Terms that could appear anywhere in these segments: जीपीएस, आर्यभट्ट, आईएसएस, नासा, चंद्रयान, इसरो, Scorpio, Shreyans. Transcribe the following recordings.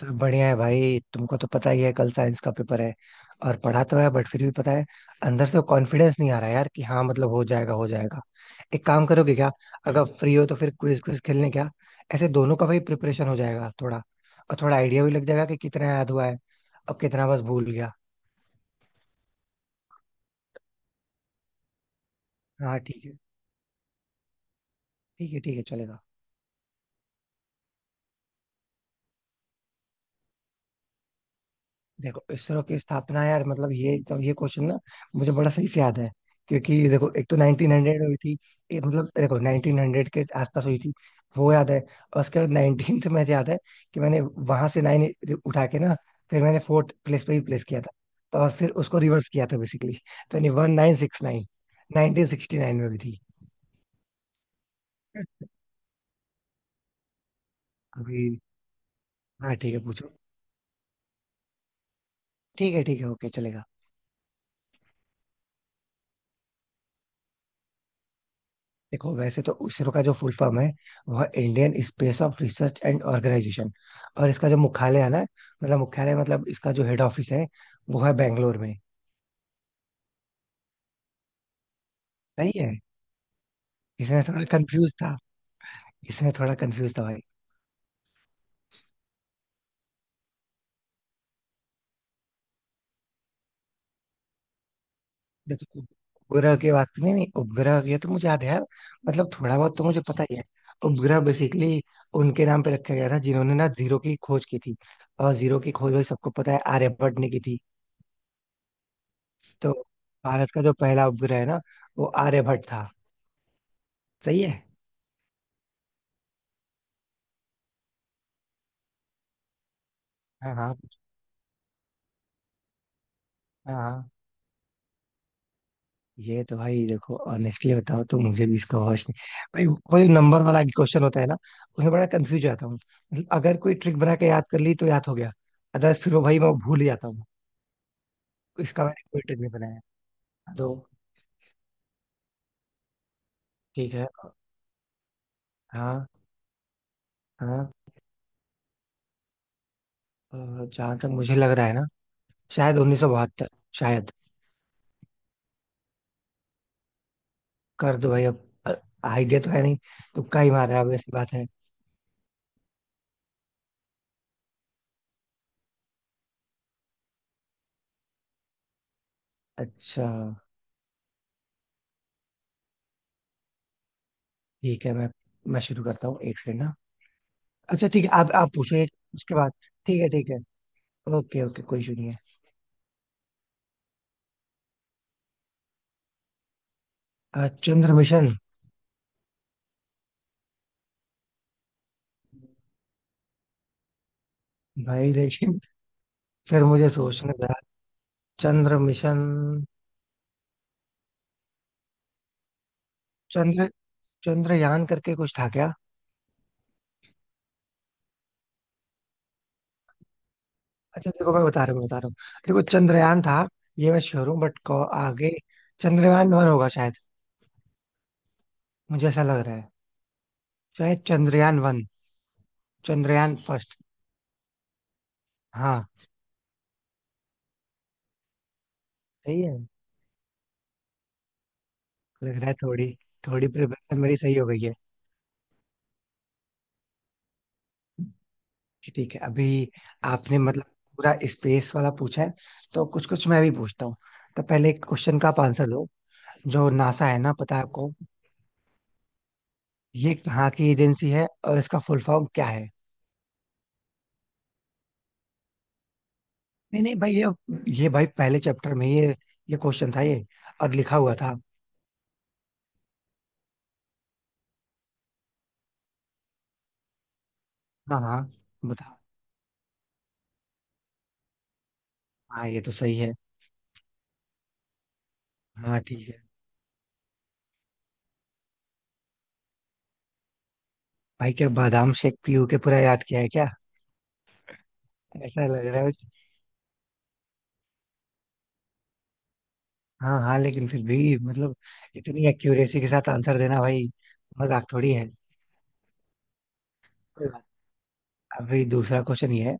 सब बढ़िया है भाई, तुमको तो पता ही है, कल साइंस का पेपर है। और पढ़ा तो है बट फिर भी पता है, अंदर से कॉन्फिडेंस नहीं आ रहा यार कि हाँ, मतलब हो जाएगा हो जाएगा। एक काम करोगे क्या? अगर फ्री हो तो फिर क्विज क्विज खेलने, क्या ऐसे दोनों का भाई प्रिपरेशन हो जाएगा थोड़ा, और थोड़ा आइडिया भी लग जाएगा कि कितना याद हुआ है, अब कितना बस भूल गया। हाँ ठीक है। ठीक है ठीक है, चलेगा। देखो इसरो की स्थापना, यार मतलब ये क्वेश्चन ना, मुझे बड़ा सही से याद है। क्योंकि देखो, एक तो 1900 हुई थी। एक मतलब देखो 1900 के आसपास हुई थी, वो याद है। और उसके बाद 19th में मुझे याद है, कि मैंने वहां से नाइन उठा के ना, फिर मैंने फोर्थ प्लेस पे ही प्लेस किया था। तो और फिर उसको रिवर्स किया था बेसिकली, तो यानी one nine six nine, nineteen sixty nine में भी थी। अभी हाँ ठीक है, पूछो। ठीक है ठीक है, ओके, चलेगा। देखो वैसे तो इसरो का जो फुल फॉर्म है, वह Indian space of research and organisation. और इसका जो मुख्यालय है ना, मतलब मुख्यालय मतलब इसका जो हेड ऑफिस है, वो है बैंगलोर में। सही है। इसमें थोड़ा कंफ्यूज था। इसमें थोड़ा कंफ्यूज था भाई। देखो उपग्रह की बात, नहीं नहीं, उपग्रह ये तो मुझे याद है यार, मतलब थोड़ा बहुत तो मुझे पता ही है। उपग्रह बेसिकली उनके नाम पे रखा गया था जिन्होंने ना जीरो की खोज की थी। और जीरो की खोज भाई सबको पता है, आर्यभट्ट ने की थी। तो भारत का जो पहला उपग्रह है ना, वो आर्यभट्ट था। सही है। हाँ हाँ। हाँ हाँ, ये तो भाई देखो, ऑनेस्टली बताओ तो मुझे भी इसका होश नहीं। भाई वो जो नंबर वाला क्वेश्चन होता है ना, उसमें बड़ा कंफ्यूज जाता हूँ। मतलब अगर कोई ट्रिक बना के याद कर ली तो याद हो गया, अदरवाइज फिर वो भाई मैं भूल ही जाता हूँ। इसका मैंने कोई ट्रिक नहीं बनाया तो। ठीक है। हाँ हाँ, जहां तक मुझे लग रहा है ना, शायद 1972। शायद। कर दो भाई अब, आइडिया तो है नहीं। तुक्का ही मार रहा है, obvious सी बात है। अच्छा। ठीक है, मैं शुरू करता हूँ एक सेकंड ना। अच्छा ठीक है, आप पूछो एक, उसके बाद। ठीक है ठीक है, ओके ओके कोई इशू नहीं है। चंद्र मिशन। भाई लेकिन फिर मुझे सोचना था। चंद्र मिशन। चंद्र, चंद्रयान करके कुछ था क्या? अच्छा देखो मैं बता रहा हूँ, बता रहा हूँ। देखो चंद्रयान था, ये मैं श्योर हूँ बट आगे चंद्रयान वन होगा शायद। मुझे ऐसा लग रहा है, शायद चंद्रयान वन, चंद्रयान फर्स्ट। हाँ। सही है। लग रहा है थोड़ी, थोड़ी प्रिपरेशन मेरी सही हो गई है। ठीक है। अभी आपने मतलब पूरा स्पेस वाला पूछा है, तो कुछ कुछ मैं भी पूछता हूँ। तो पहले एक क्वेश्चन का आप आंसर दो। जो नासा है ना, पता है आपको? ये कहाँ की एजेंसी है और इसका फुल फॉर्म क्या है? नहीं नहीं भाई, ये भाई पहले चैप्टर में ये क्वेश्चन था ये, और लिखा हुआ था। हाँ हाँ, बताओ। हाँ ये तो सही है। हाँ ठीक है। भाई क्या बादाम शेक पीयू के पूरा याद किया है क्या? ऐसा लग रहा है मुझे। हाँ हाँ, लेकिन फिर भी मतलब इतनी एक्यूरेसी के साथ आंसर देना भाई, मजाक थोड़ी है। अभी दूसरा क्वेश्चन ये है,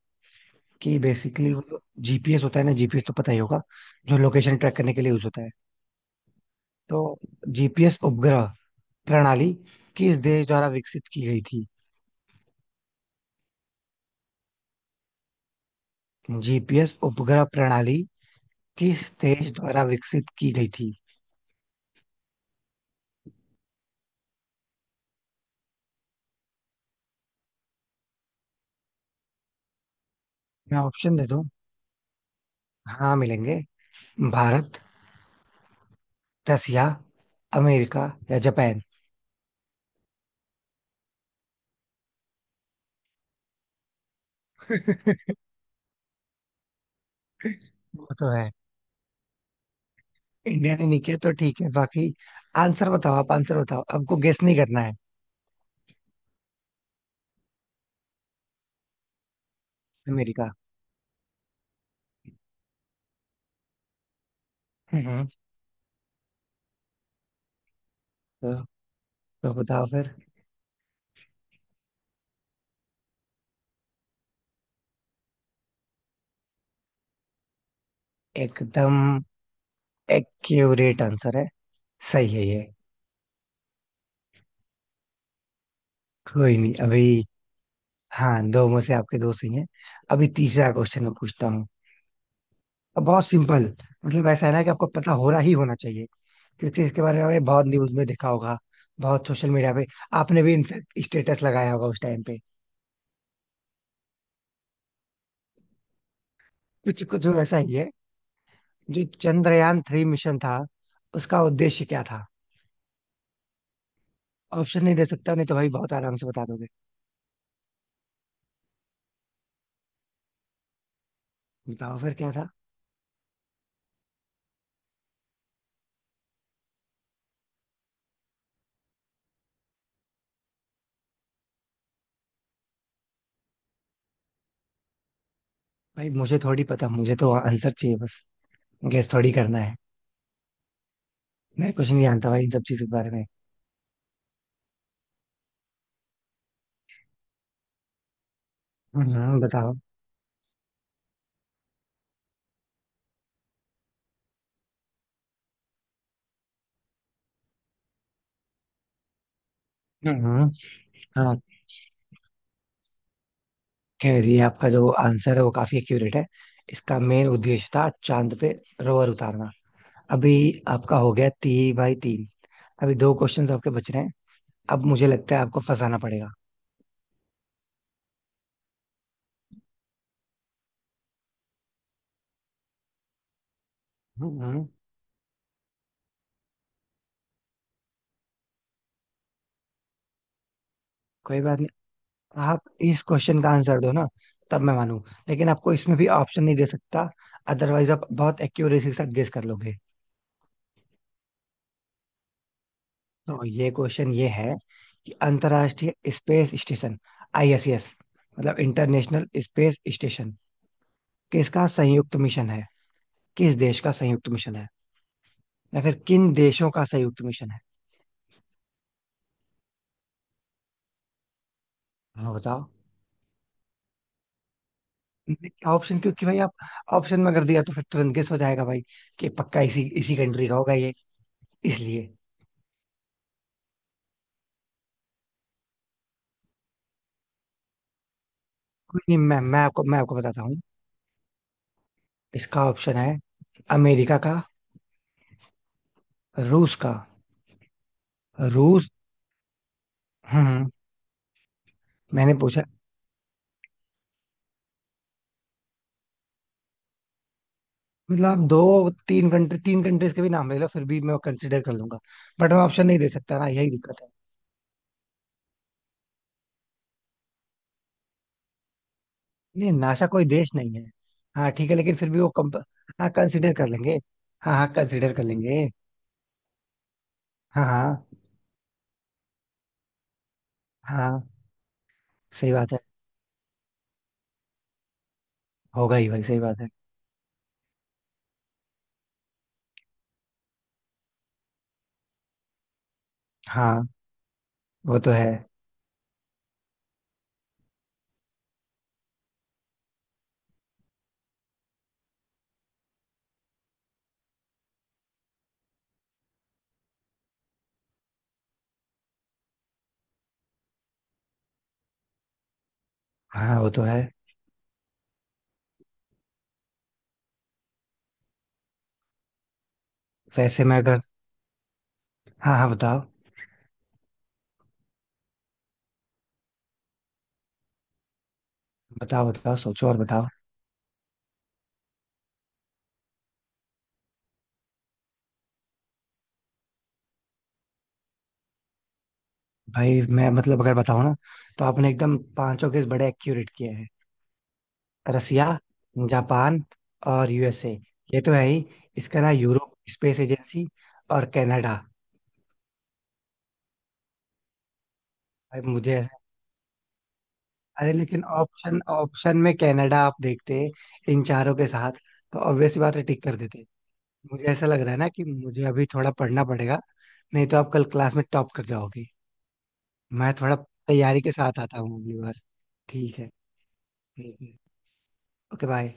कि बेसिकली वो जो जीपीएस होता है ना, जीपीएस तो पता ही होगा, जो लोकेशन ट्रैक करने के लिए यूज होता है। तो जीपीएस उपग्रह प्रणाली किस देश द्वारा विकसित की गई थी? जीपीएस उपग्रह प्रणाली किस देश द्वारा विकसित की गई थी? मैं ऑप्शन दे दूं? हाँ मिलेंगे। भारत, रसिया, अमेरिका या जापान। वो तो है। इंडिया ने नहीं किया तो ठीक है, बाकी आंसर बताओ आप, आंसर बताओ, आपको गेस नहीं करना है। अमेरिका। हम्म। तो, तो बताओ फिर। एकदम एक्यूरेट आंसर है। सही है ये। कोई नहीं। अभी हाँ, दो में से आपके दो सही हैं। अभी तीसरा क्वेश्चन मैं पूछता हूँ। अब बहुत सिंपल। मतलब ऐसा है ना, कि आपको पता हो रहा ही होना चाहिए, क्योंकि इसके बारे में आपने बहुत न्यूज में देखा होगा, बहुत सोशल मीडिया पे आपने भी, इनफैक्ट, स्टेटस लगाया होगा उस टाइम पे। कुछ कुछ ऐसा ही है। जो चंद्रयान थ्री मिशन था, उसका उद्देश्य क्या था? ऑप्शन नहीं दे सकता, नहीं तो भाई बहुत आराम से बता दोगे। बताओ फिर क्या था। भाई मुझे थोड़ी पता, मुझे तो आंसर चाहिए बस, गेस थोड़ी करना है। मैं कुछ नहीं जानता भाई इन सब चीजों के बारे में। हम्म, बताओ। हम्म। हाँ। खैर ये आपका जो आंसर है वो काफी एक्यूरेट है। इसका मेन उद्देश्य था चांद पे रोवर उतारना। अभी आपका हो गया 3/3। अभी दो क्वेश्चंस आपके बच रहे हैं। अब मुझे लगता है आपको फंसाना पड़ेगा। हम्म। कोई बात नहीं, आप इस क्वेश्चन का आंसर दो ना, तब मैं मानू। लेकिन आपको इसमें भी ऑप्शन नहीं दे सकता, अदरवाइज आप बहुत एक्यूरेसी के साथ गेस कर लोगे। तो ये क्वेश्चन ये है, कि अंतर्राष्ट्रीय स्पेस स्टेशन, आईएसएस, मतलब इंटरनेशनल स्पेस स्टेशन, किसका संयुक्त मिशन है? किस देश का संयुक्त मिशन है, या फिर किन देशों का संयुक्त मिशन है? हाँ बताओ। ऑप्शन क्योंकि भाई आप, ऑप्शन में कर दिया तो फिर तुरंत गेस हो जाएगा भाई, कि पक्का इसी इसी कंट्री का होगा ये, इसलिए। कोई नहीं, मैं आपको बताता हूँ। इसका ऑप्शन है, अमेरिका का, रूस का, रूस। हम्म। मैंने पूछा, मतलब आप दो तीन कंट्री, तीन कंट्रीज के भी नाम ले लो फिर भी मैं कंसिडर कर लूंगा, बट मैं ऑप्शन नहीं दे सकता ना, यही दिक्कत है। नहीं, नासा कोई देश नहीं है। हाँ ठीक है, लेकिन फिर भी वो कम, हाँ, कंसिडर कर लेंगे, हाँ हाँ कंसिडर कर लेंगे। हाँ। हाँ हाँ, सही बात है। होगा ही भाई, सही बात है। हाँ वो तो है। हाँ वो तो है। वैसे मैं अगर, हाँ हाँ बताओ, बताओ बताओ सोचो और बताओ। भाई मैं, मतलब अगर बताऊँ ना, तो आपने एकदम पांचों केस बड़े एक्यूरेट किए हैं। रसिया, जापान और यूएसए, ये तो है ही। इसका ना यूरोप स्पेस एजेंसी, और कनाडा। भाई मुझे ऐसा- अरे लेकिन ऑप्शन ऑप्शन में कनाडा आप देखते इन चारों के साथ, तो ऑब्वियस सी बात है, टिक कर देते। मुझे ऐसा लग रहा है ना, कि मुझे अभी थोड़ा पढ़ना पड़ेगा, नहीं तो आप कल क्लास में टॉप कर जाओगे। मैं थोड़ा तैयारी के साथ आता हूँ अगली बार। ठीक है। ठीक है। Okay, bye.